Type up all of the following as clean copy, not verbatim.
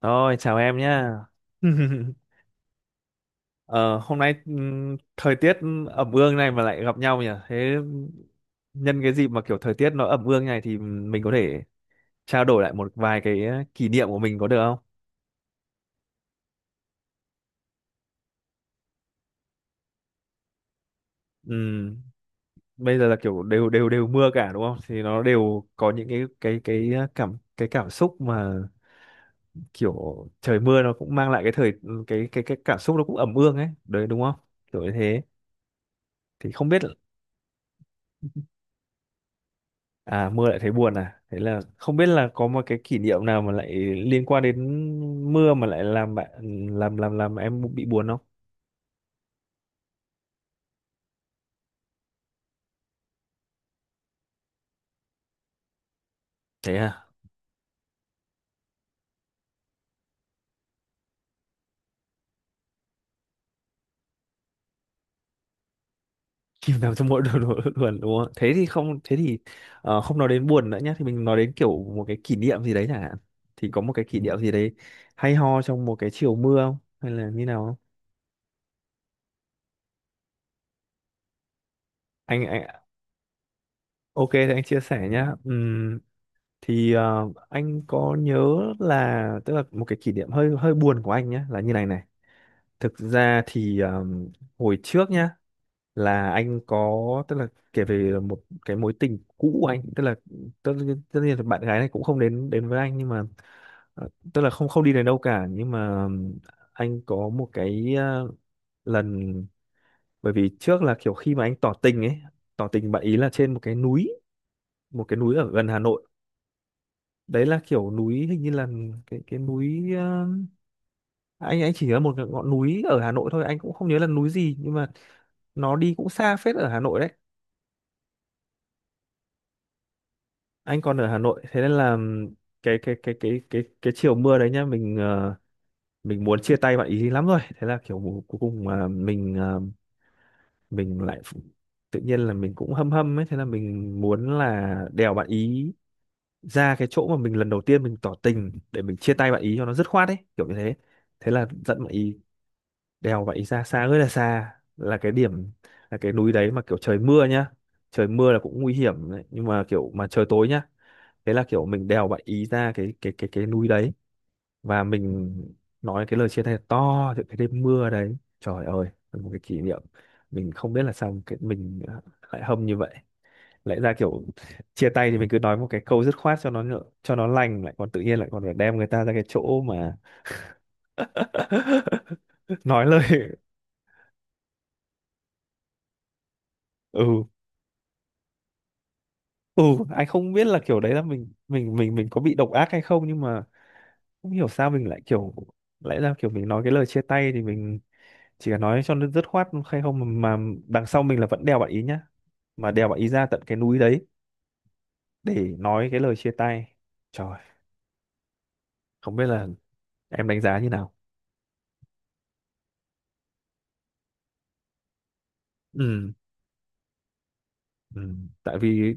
Rồi, chào em nhá. Ờ, hôm nay thời tiết ẩm ương này mà lại gặp nhau nhỉ? Thế nhân cái dịp mà kiểu thời tiết nó ẩm ương này thì mình có thể trao đổi lại một vài cái kỷ niệm của mình có được không? Ừm, Bây giờ là kiểu đều đều đều mưa cả đúng không? Thì nó đều có những cái cảm xúc mà kiểu trời mưa nó cũng mang lại cái thời ừ, cái cảm xúc nó cũng ẩm ương ấy, đấy đúng không? Kiểu như thế. Thì không biết. À, mưa lại thấy buồn à? Thế là không biết là có một cái kỷ niệm nào mà lại liên quan đến mưa mà lại làm bạn làm em bị buồn không? Thế à? Kỷ niệm nào trong mỗi đồ đồ- buồn đúng không? Không nói đến buồn nữa nhá, thì mình nói đến kiểu một cái kỷ niệm gì đấy chẳng hạn. Thì có một cái kỷ niệm gì đấy hay ho trong một cái chiều mưa không? Hay là như nào không? Anh ok thì anh chia sẻ nhá. Anh có nhớ là tức là một cái kỷ niệm hơi hơi buồn của anh nhá là như này này. Thực ra thì hồi trước nhá là anh có, tức là kể về một cái mối tình cũ của anh, tức là tất nhiên là bạn gái này cũng không đến đến với anh, nhưng mà tức là không không đi đến đâu cả, nhưng mà anh có một cái lần, bởi vì trước là kiểu khi mà anh tỏ tình ấy, tỏ tình bạn ý là trên một cái núi, một cái núi ở gần Hà Nội. Đấy là kiểu núi hình như là cái núi ờ, anh chỉ nhớ một cái ngọn núi ở Hà Nội thôi, anh cũng không nhớ là núi gì, nhưng mà nó đi cũng xa phết ở Hà Nội đấy. Anh còn ở Hà Nội, thế nên là cái chiều mưa đấy nhá, mình mình muốn chia tay bạn ý lắm rồi, thế là kiểu cuối cùng mà mình mình lại ph- tự nhiên là mình cũng hâm hâm ấy, thế là mình muốn là đèo bạn ý ra cái chỗ mà mình lần đầu tiên mình tỏ tình để mình chia tay bạn ý cho nó dứt khoát ấy, kiểu như thế. Thế là dẫn bạn ý, đèo bạn ý ra xa, rất là xa, là cái điểm, là cái núi đấy mà kiểu trời mưa nhá, trời mưa là cũng nguy hiểm đấy. Nhưng mà kiểu mà trời tối nhá, thế là kiểu mình đèo bạn ý ra cái núi đấy và mình nói cái lời chia tay to từ cái đêm mưa đấy, trời ơi là một cái kỷ niệm. Mình không biết là sao cái mình à, lại hâm như vậy, lại ra kiểu chia tay thì mình cứ nói một cái câu dứt khoát cho cho nó lành, lại còn tự nhiên lại còn phải đem người ta ra cái chỗ mà nói lời. Ừ ừ Anh không biết là kiểu đấy là mình có bị độc ác hay không, nhưng mà không hiểu sao mình lại kiểu, lẽ ra kiểu mình nói cái lời chia tay thì mình chỉ cần nói cho nó dứt khoát hay không mà, mà đằng sau mình là vẫn đèo bạn ý nhá, mà đèo bạn ý ra tận cái núi đấy để nói cái lời chia tay. Trời, không biết là em đánh giá như nào. Ừ ừ Tại vì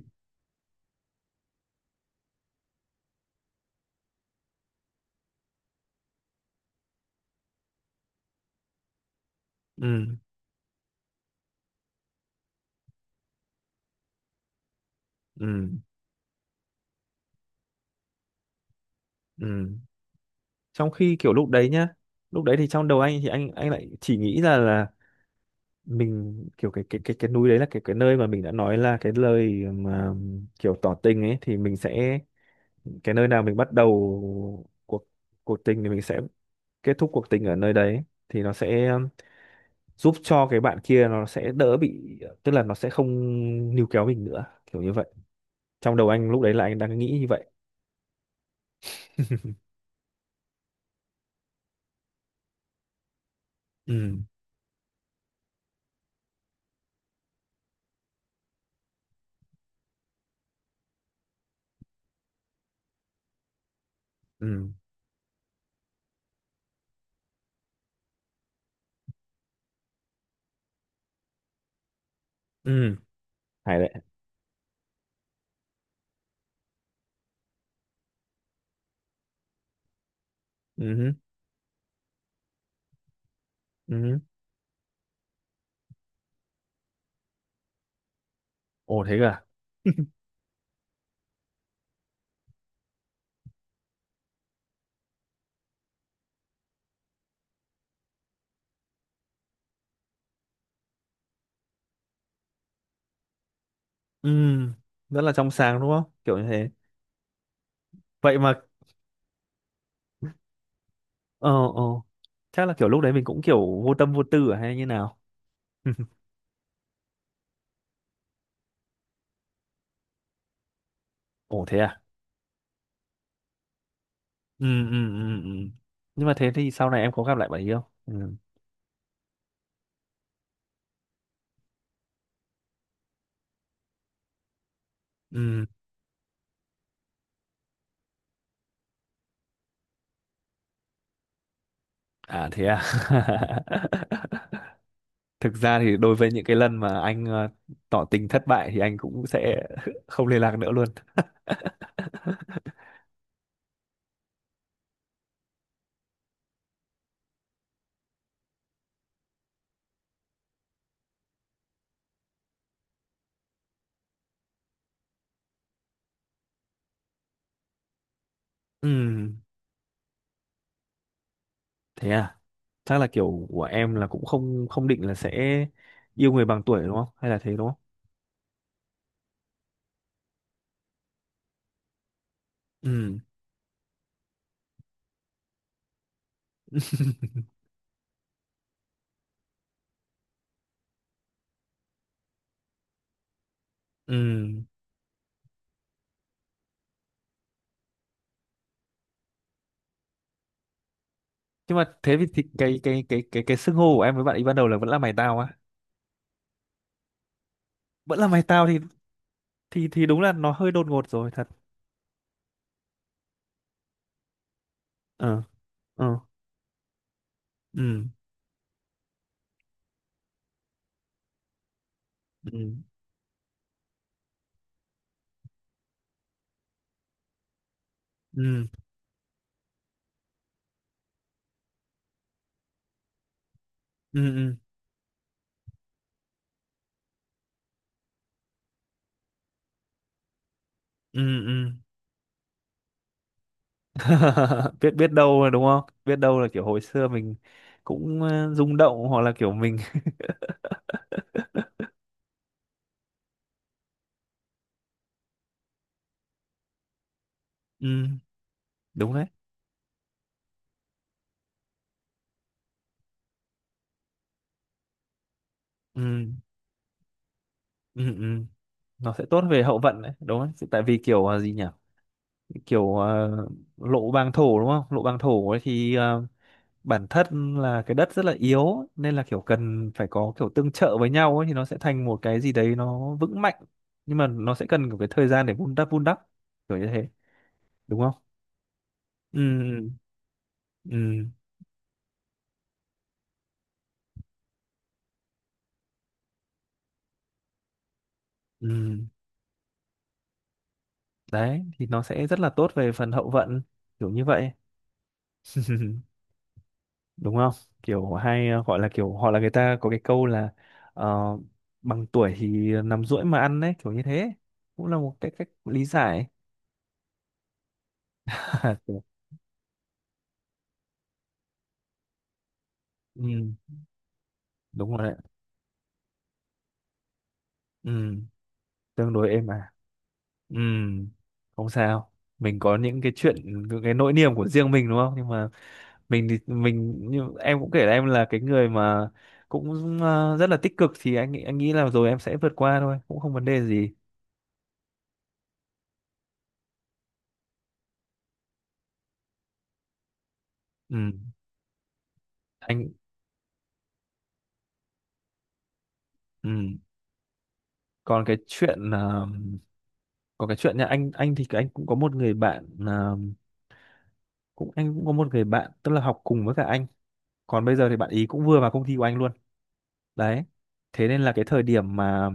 ừ ừ ừ. Trong khi kiểu lúc đấy nhá, lúc đấy thì trong đầu anh thì anh lại chỉ nghĩ ra là mình kiểu cái núi đấy là cái nơi mà mình đã nói là cái lời mà kiểu tỏ tình ấy, thì mình sẽ, cái nơi nào mình bắt đầu cuộc, cuộc tình thì mình sẽ kết thúc cuộc tình ở nơi đấy, thì nó sẽ giúp cho cái bạn kia nó sẽ đỡ bị, tức là nó sẽ không níu kéo mình nữa, kiểu như vậy. Trong đầu anh lúc đấy là anh đang nghĩ như vậy. ừ ừ ừ. Hay đấy. Ừ hứ, ừ hứ. Ồ thế cả. Ừ, rất là trong sáng đúng không, kiểu như thế. Vậy mà. Ờ ờ, chắc là kiểu lúc đấy mình cũng kiểu vô tâm vô tư à hay như nào. Ồ thế à? Ừ. Nhưng mà thế thì sau này em có gặp lại bạn ấy không? Ừ. ừ à thế à? Thực ra thì đối với những cái lần mà anh tỏ tình thất bại thì anh cũng sẽ không liên lạc nữa luôn. Ừm, Thế à? Chắc là kiểu của em là cũng không không định là sẽ yêu người bằng tuổi đúng không, hay là thế đúng không. Ừm. Ừm. Nhưng mà thế thì cái cái xưng hô của em với bạn ấy ban đầu là vẫn là mày tao á. Vẫn là mày tao thì, thì đúng là nó hơi đột ngột rồi thật. Ờ ờ. Ừ ừ ừ ừ ừ ừ Biết, biết đâu là đúng không, biết đâu là kiểu hồi xưa mình cũng rung động hoặc là kiểu mình. Ừ, đúng đấy. Ừ, ừ, ừ. Nó sẽ tốt về hậu vận đấy, đúng đấy, tại vì kiểu gì nhỉ, kiểu lộ bàng thổ đúng không, lộ bàng thổ ấy, thì bản thân là cái đất rất là yếu nên là kiểu cần phải có kiểu tương trợ với nhau ấy thì nó sẽ thành một cái gì đấy nó vững mạnh, nhưng mà nó sẽ cần một cái thời gian để vun đắp, vun đắp, kiểu như thế đúng không. Ừ ừ ừ ừ. Đấy thì nó sẽ rất là tốt về phần hậu vận, kiểu như vậy. Đúng không, kiểu hay gọi là kiểu họ là người ta có cái câu là ờ, bằng tuổi thì nằm duỗi mà ăn đấy, kiểu như thế, cũng là một cái cách lý giải. Kiểu, ừ, đúng rồi đấy. Ừ, tương đối êm à. Ừ, không sao, mình có những cái chuyện, những cái nỗi niềm của riêng mình đúng không, nhưng mà mình thì mình, như em cũng kể là em là cái người mà cũng rất là tích cực, thì anh nghĩ là rồi em sẽ vượt qua thôi, cũng không vấn đề gì. Ừ, anh. Ừ. còn cái chuyện ờ, Còn cái chuyện nha, anh thì anh cũng có một người bạn cũng, anh cũng có một người bạn tức là học cùng với cả anh, còn bây giờ thì bạn ý cũng vừa vào công ty của anh luôn đấy. Thế nên là cái thời điểm mà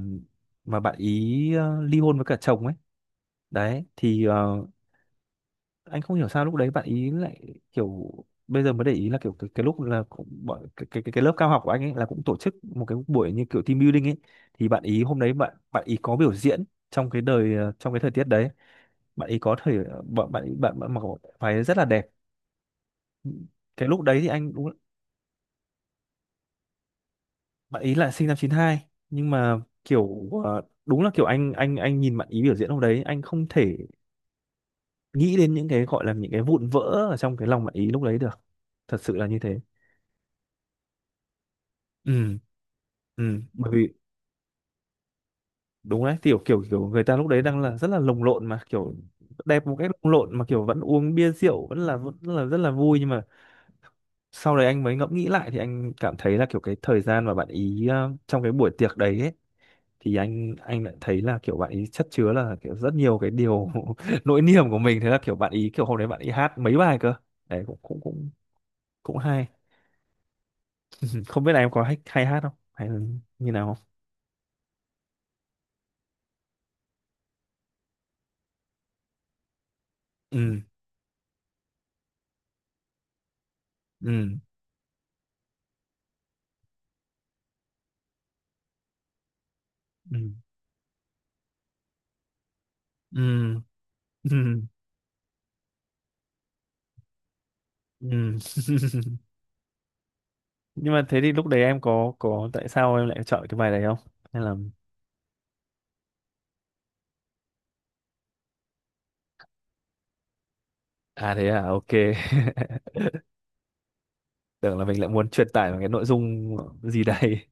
mà bạn ý ly hôn với cả chồng ấy, đấy thì anh không hiểu sao lúc đấy bạn ý lại kiểu, bây giờ mới để ý là kiểu cái lúc là cũng bọn cái, cái lớp cao học của anh ấy là cũng tổ chức một cái buổi như kiểu team building ấy, thì bạn ý hôm đấy bạn bạn ý có biểu diễn trong trong cái thời tiết đấy. Bạn ý có thời, bạn bạn ý bạn, bạn mặc váy rất là đẹp. Cái lúc đấy thì anh đúng, bạn ý là sinh năm 92, nhưng mà kiểu đúng là kiểu anh nhìn bạn ý biểu diễn hôm đấy anh không thể nghĩ đến những cái gọi là những cái vụn vỡ ở trong cái lòng bạn ý lúc đấy được, thật sự là như thế. Ừ. Ừ, bởi vì đúng đấy, kiểu kiểu kiểu người ta lúc đấy đang là rất là lồng lộn mà kiểu đẹp một cách lồng lộn mà kiểu vẫn uống bia rượu, vẫn là rất là vui, nhưng mà sau đấy anh mới ngẫm nghĩ lại thì anh cảm thấy là kiểu cái thời gian mà bạn ý trong cái buổi tiệc đấy ấy, thì anh lại thấy là kiểu bạn ý chất chứa là kiểu rất nhiều cái điều nỗi niềm của mình, thế là kiểu bạn ý kiểu hôm đấy bạn ý hát mấy bài cơ đấy, cũng cũng hay. Ừ, không biết là em có hay, hay hát không hay là như nào không. Ừ ừ ừ ừ Ừ. Nhưng mà thế thì lúc đấy em có tại sao em lại chọn cái bài đấy không? Hay là, à thế à, ok, tưởng là mình lại muốn truyền tải một cái nội dung gì đấy.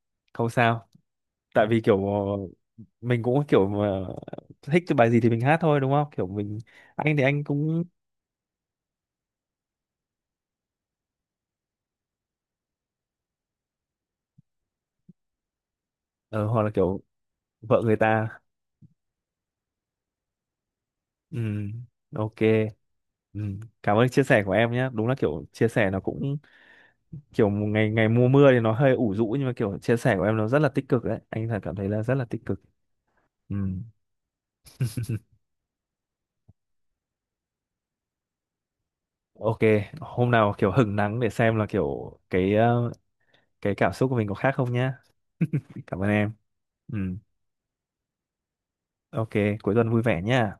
Không sao. Tại vì kiểu mình cũng kiểu mà thích cái bài gì thì mình hát thôi đúng không? Kiểu mình, anh thì anh cũng ờ, hoặc là kiểu vợ người ta. Ừ. Ok. Ừ. Cảm ơn chia sẻ của em nhé. Đúng là kiểu chia sẻ nó cũng kiểu một ngày, ngày mùa mưa thì nó hơi ủ rũ nhưng mà kiểu chia sẻ của em nó rất là tích cực đấy. Anh thật cảm thấy là rất là tích cực. Ừ. Ok, hôm nào kiểu hứng nắng để xem là kiểu cái cái cảm xúc của mình có khác không nhá. Cảm ơn em. Ừ. Ok, cuối tuần vui vẻ nhá.